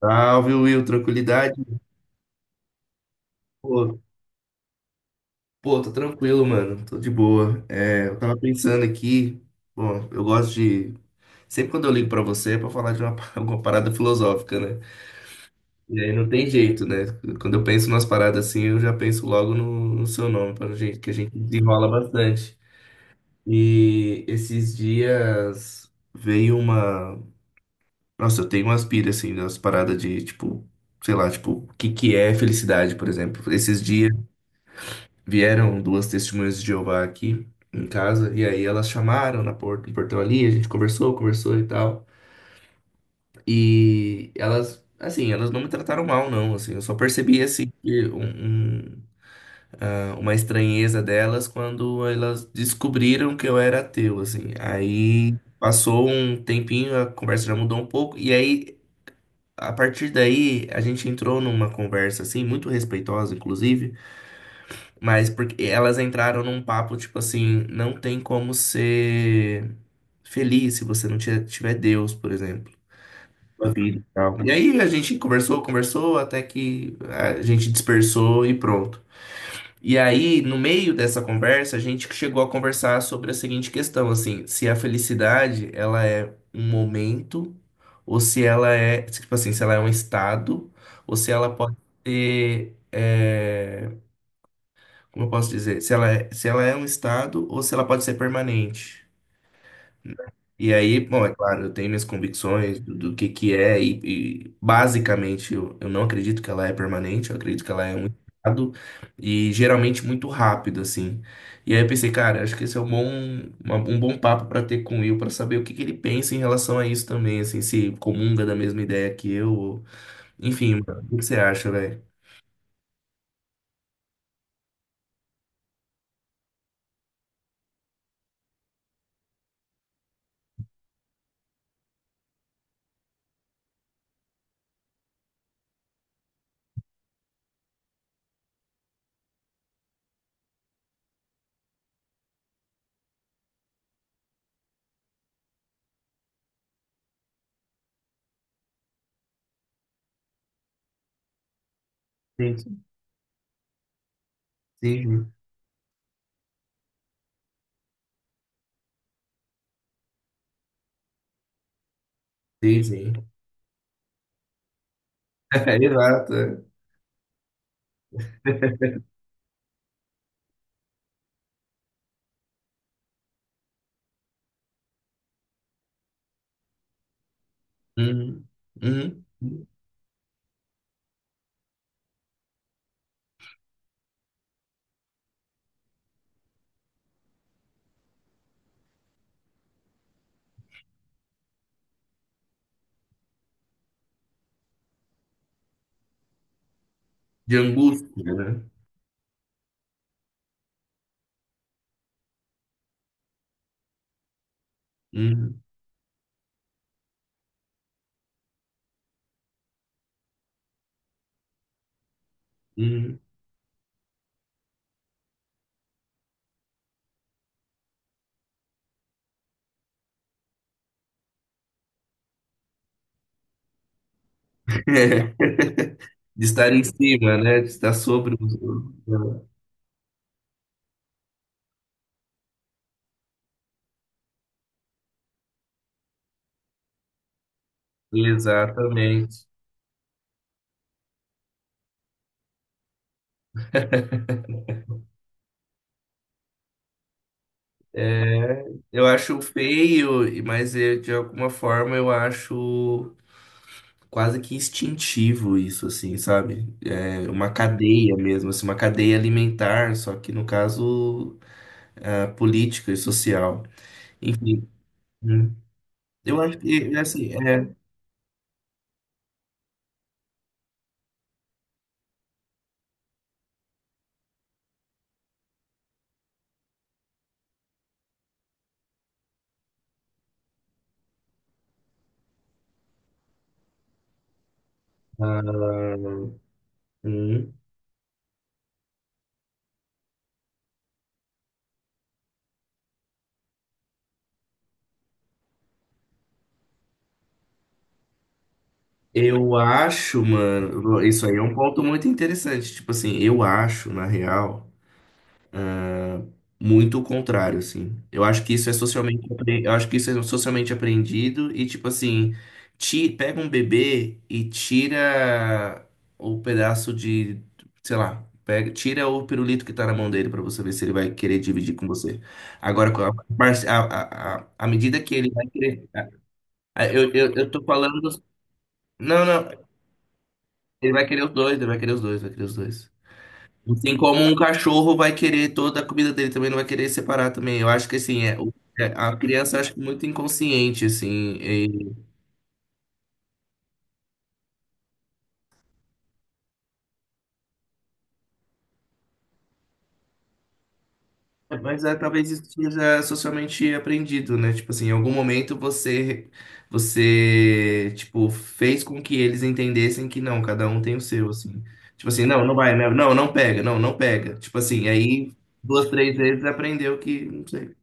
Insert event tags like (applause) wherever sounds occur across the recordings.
Salve, Will, tranquilidade? Pô, pô, tô tranquilo, mano, tô de boa. Eu tava pensando aqui, bom, eu gosto de. Sempre quando eu ligo pra você é pra falar (laughs) alguma parada filosófica, né? E aí não tem jeito, né? Quando eu penso nas paradas assim, eu já penso logo no seu nome, pra gente, que a gente desenrola bastante. E esses dias veio uma. Nossa, eu tenho umas pira, assim, das paradas de, tipo, sei lá, tipo, o que que é felicidade, por exemplo. Esses dias vieram duas testemunhas de Jeová aqui em casa, e aí elas chamaram na porta, no portão ali, a gente conversou, conversou e tal. E elas, assim, elas não me trataram mal, não, assim, eu só percebi, assim, que uma estranheza delas quando elas descobriram que eu era ateu, assim. Aí passou um tempinho, a conversa já mudou um pouco, e aí, a partir daí, a gente entrou numa conversa, assim, muito respeitosa, inclusive. Mas porque elas entraram num papo tipo assim: não tem como ser feliz se você não tiver Deus, por exemplo, na vida e tal. E aí a gente conversou, conversou, até que a gente dispersou e pronto. E aí, no meio dessa conversa, a gente chegou a conversar sobre a seguinte questão, assim, se a felicidade, ela é um momento, ou se ela é, tipo assim, se ela é um estado, ou se ela pode ter, como eu posso dizer, se ela é, se ela é um estado ou se ela pode ser permanente. E aí, bom, é claro, eu tenho minhas convicções do que é e, basicamente eu não acredito que ela é permanente, eu acredito que ela é um estado e geralmente muito rápido, assim. E aí eu pensei, cara, acho que esse é um bom, um bom papo para ter com o Will, para saber o que que ele pensa em relação a isso também, assim, se comunga da mesma ideia que eu, ou enfim, mano, o que que você acha, velho? Sim, sim, sim. (laughs) Exato. É. Uhum. Uhum. De angústia, né? Uhum. Uhum. (laughs) De estar em cima, né? De estar sobre os outros. Exatamente. É, eu acho feio, e- mas eu, de alguma forma eu acho quase que instintivo isso, assim, sabe? É uma cadeia mesmo, assim, uma cadeia alimentar, só que no caso ah, política e social. Enfim, né? Eu acho que, é, assim, é, ah, hum. Eu acho, mano, isso aí é um ponto muito interessante. Tipo assim, eu acho, na real, muito o contrário, assim. Eu acho que isso é socialmente, eu acho que isso é socialmente apreendido e, tipo assim, pega um bebê e tira o pedaço de, sei lá, pega, tira o pirulito que tá na mão dele pra você ver se ele vai querer dividir com você. Agora, com à medida que ele vai querer. Eu, eu tô falando. Não, não. Ele vai querer os dois, ele vai querer os dois, vai querer os dois. Assim como um cachorro vai querer toda a comida dele também, não vai querer separar também. Eu acho que assim, é, o- é, a criança acho que muito inconsciente, assim. E- é, mas é, talvez isso seja socialmente aprendido, né? Tipo assim, em algum momento você, você, tipo, fez com que eles entendessem que não, cada um tem o seu, assim. Tipo assim, não, não vai, né? Não, não pega, não, não pega. Tipo assim, aí duas, três vezes aprendeu que, não sei.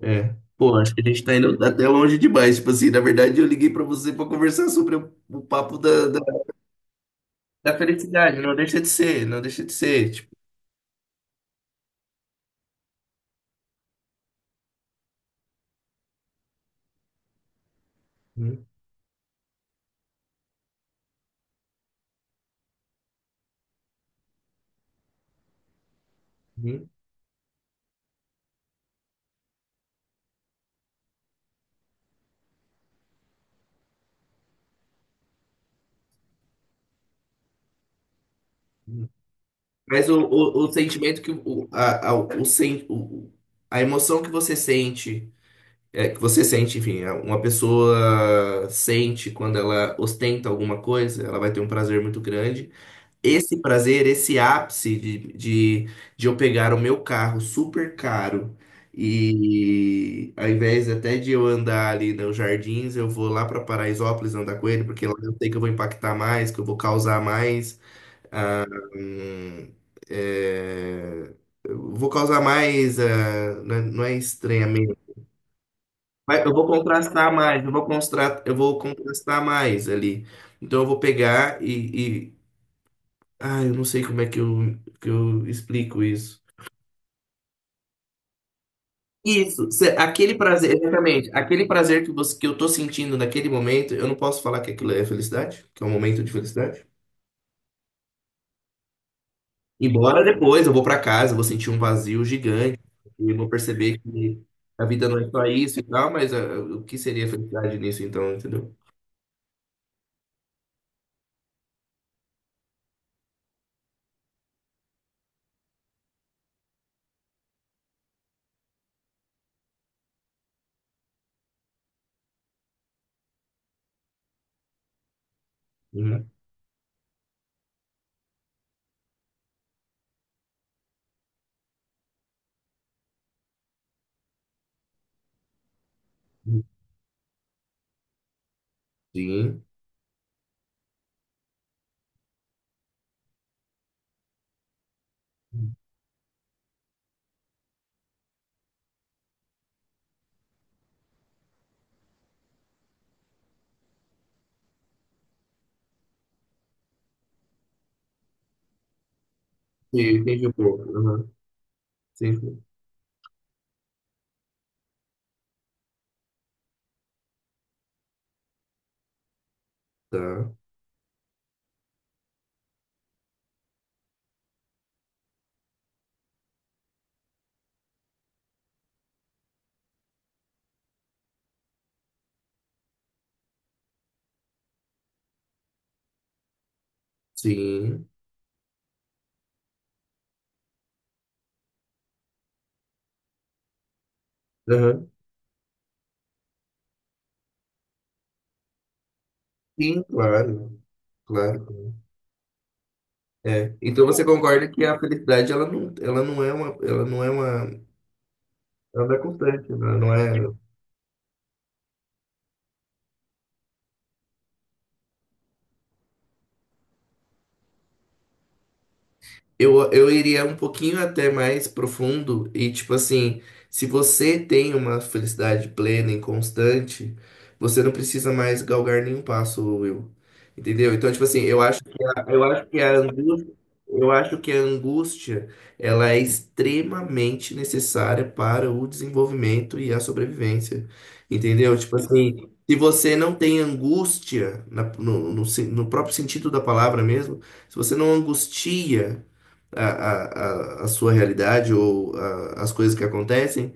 É. Pô, acho que a gente tá indo até longe demais. Tipo assim, na verdade, eu liguei pra você pra conversar sobre o papo da felicidade. Não deixa de ser, não deixa de ser. Tipo, Uhum, uhum, uhum. Mas o sentimento que o, a, o, sen- o- a emoção que você sente, é, que você sente, enfim, é, uma pessoa sente quando ela ostenta alguma coisa, ela vai ter um prazer muito grande. Esse prazer, esse ápice de eu pegar o meu carro super caro e ao invés até de eu andar ali nos jardins, eu vou lá para Paraisópolis andar com ele, porque lá eu sei que eu vou impactar mais, que eu vou causar mais. hum, é, eu vou causar mais. Não é, não é estranhamento. Mas eu vou contrastar mais, eu vou contrastar mais ali. Então eu vou pegar e, ah, eu não sei como é que que eu explico isso. Isso, aquele prazer, exatamente, aquele prazer que você, que eu tô sentindo naquele momento, eu não posso falar que aquilo é felicidade, que é um momento de felicidade. Embora depois eu vou pra casa, eu vou sentir um vazio gigante, e eu vou perceber que a vida não é só isso e tal, mas o que seria felicidade nisso então, entendeu? Uhum. Sim. Sim, entendi um pouco. Aham. Sim, tá. Sim. Aham. Sim, claro, claro. É. Então você concorda que a felicidade ela não é uma, ela não é uma, ela não é constante, né? Ela não é Eu, iria um pouquinho até mais profundo e, tipo assim, se você tem uma felicidade plena e constante, você não precisa mais galgar nenhum passo, Will. Entendeu? Então, tipo assim, eu acho que a, eu acho que a angústia, eu acho que a angústia, ela é extremamente necessária para o desenvolvimento e a sobrevivência. Entendeu? Tipo assim, se você não tem angústia, no próprio sentido da palavra mesmo, se você não angustia, a, a, a sua realidade ou as coisas que acontecem,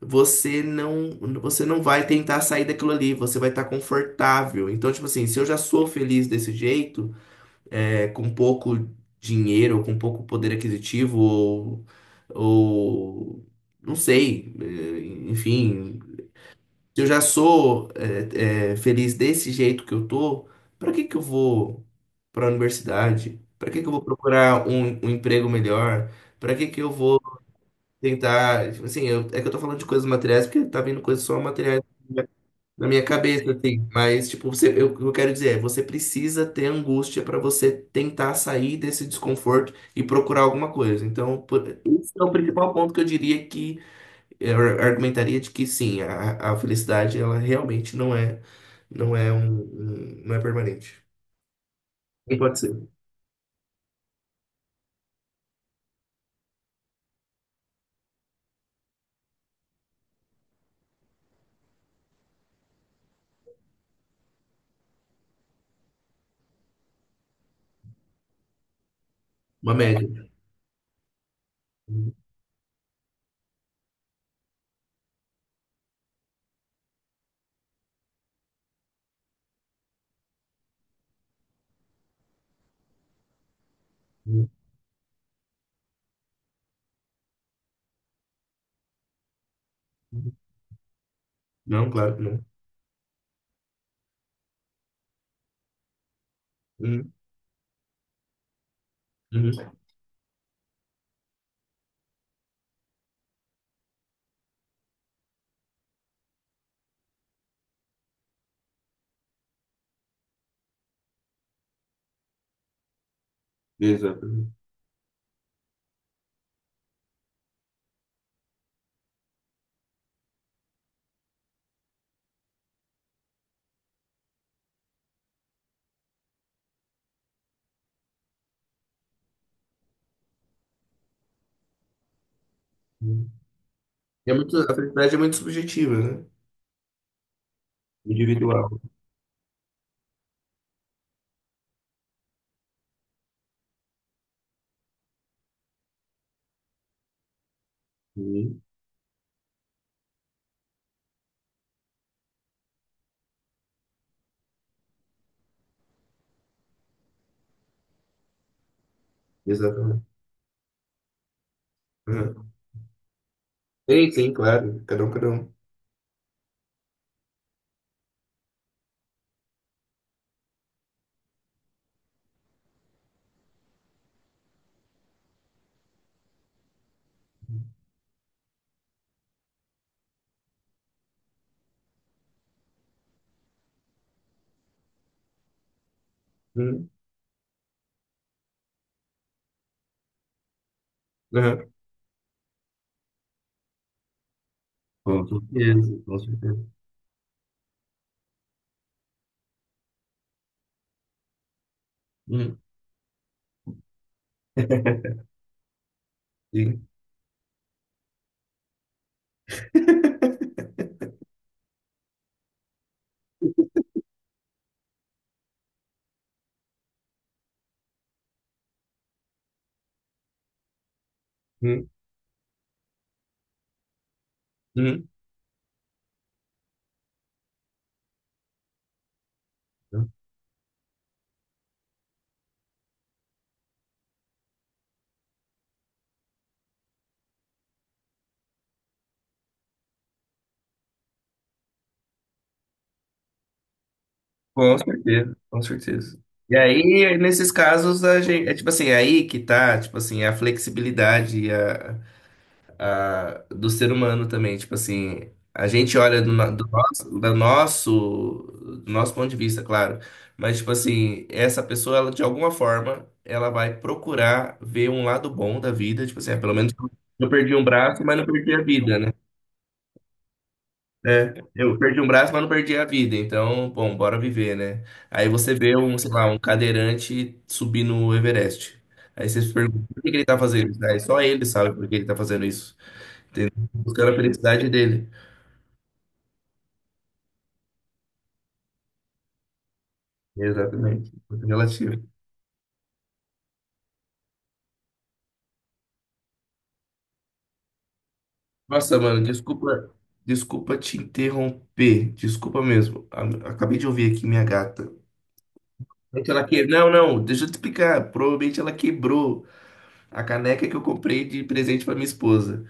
você não, você não vai tentar sair daquilo ali, você vai estar confortável. Então, tipo assim, se eu já sou feliz desse jeito, é, com pouco dinheiro, ou com pouco poder aquisitivo, ou não sei, é, enfim eu já sou é, é, feliz desse jeito que eu tô, para que que eu vou para a universidade? Para que que eu vou procurar um emprego melhor? Para que que eu vou tentar, tipo assim, eu- é que eu tô falando de coisas materiais porque tá vindo coisas só materiais na minha cabeça, assim, mas tipo, você, eu, o que eu quero dizer é, você precisa ter angústia para você tentar sair desse desconforto e procurar alguma coisa. Então, esse é o principal ponto que eu diria que eu argumentaria de que sim, a felicidade ela realmente não é, não é não é permanente. Não pode ser. Uma média. Uhum, uhum, uhum. Não, claro que não. Uhum, uhum. Exato. Uhum, uhum. É muito, a felicidade é muito subjetiva, né? Individual. Uhum. Exatamente. Uhum. Sim, sim, claro. Cada um, cada um. Uhum, uhum. Com certeza, com certeza. Uhum. (laughs) Sim. Uhum, uhum. Com certeza, com certeza. E aí, nesses casos, a gente, é tipo assim, é aí que tá, tipo assim, a flexibilidade e do ser humano também, tipo assim, a gente olha do, no- do nosso, da nosso, do nosso ponto de vista, claro, mas tipo assim, essa pessoa, ela, de alguma forma, ela vai procurar ver um lado bom da vida, tipo assim, ah, pelo menos eu perdi um braço, mas não perdi a vida, né? É, eu perdi um braço, mas não perdi a vida. Então, bom, bora viver, né? Aí você vê um, sei lá, um cadeirante subir no Everest. Aí você se pergunta, por que que ele tá fazendo isso? Aí só ele sabe por que ele tá fazendo isso. Entendeu? Buscando a felicidade dele. Exatamente. Muito relativo. Nossa, mano, desculpa, desculpa te interromper. Desculpa mesmo. A- Acabei de ouvir aqui minha gata. Provavelmente ela que... Não, não, deixa eu te explicar. Provavelmente ela quebrou a caneca que eu comprei de presente pra minha esposa.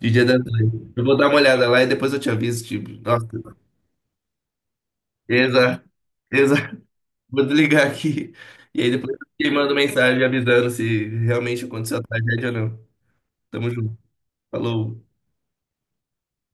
De Dia das Mães. Eu vou dar uma olhada lá e depois eu te aviso, tipo, nossa, exato, exato. Vou desligar aqui. E aí depois eu te mando mensagem avisando se realmente aconteceu a tragédia ou não. Tamo junto. Falou.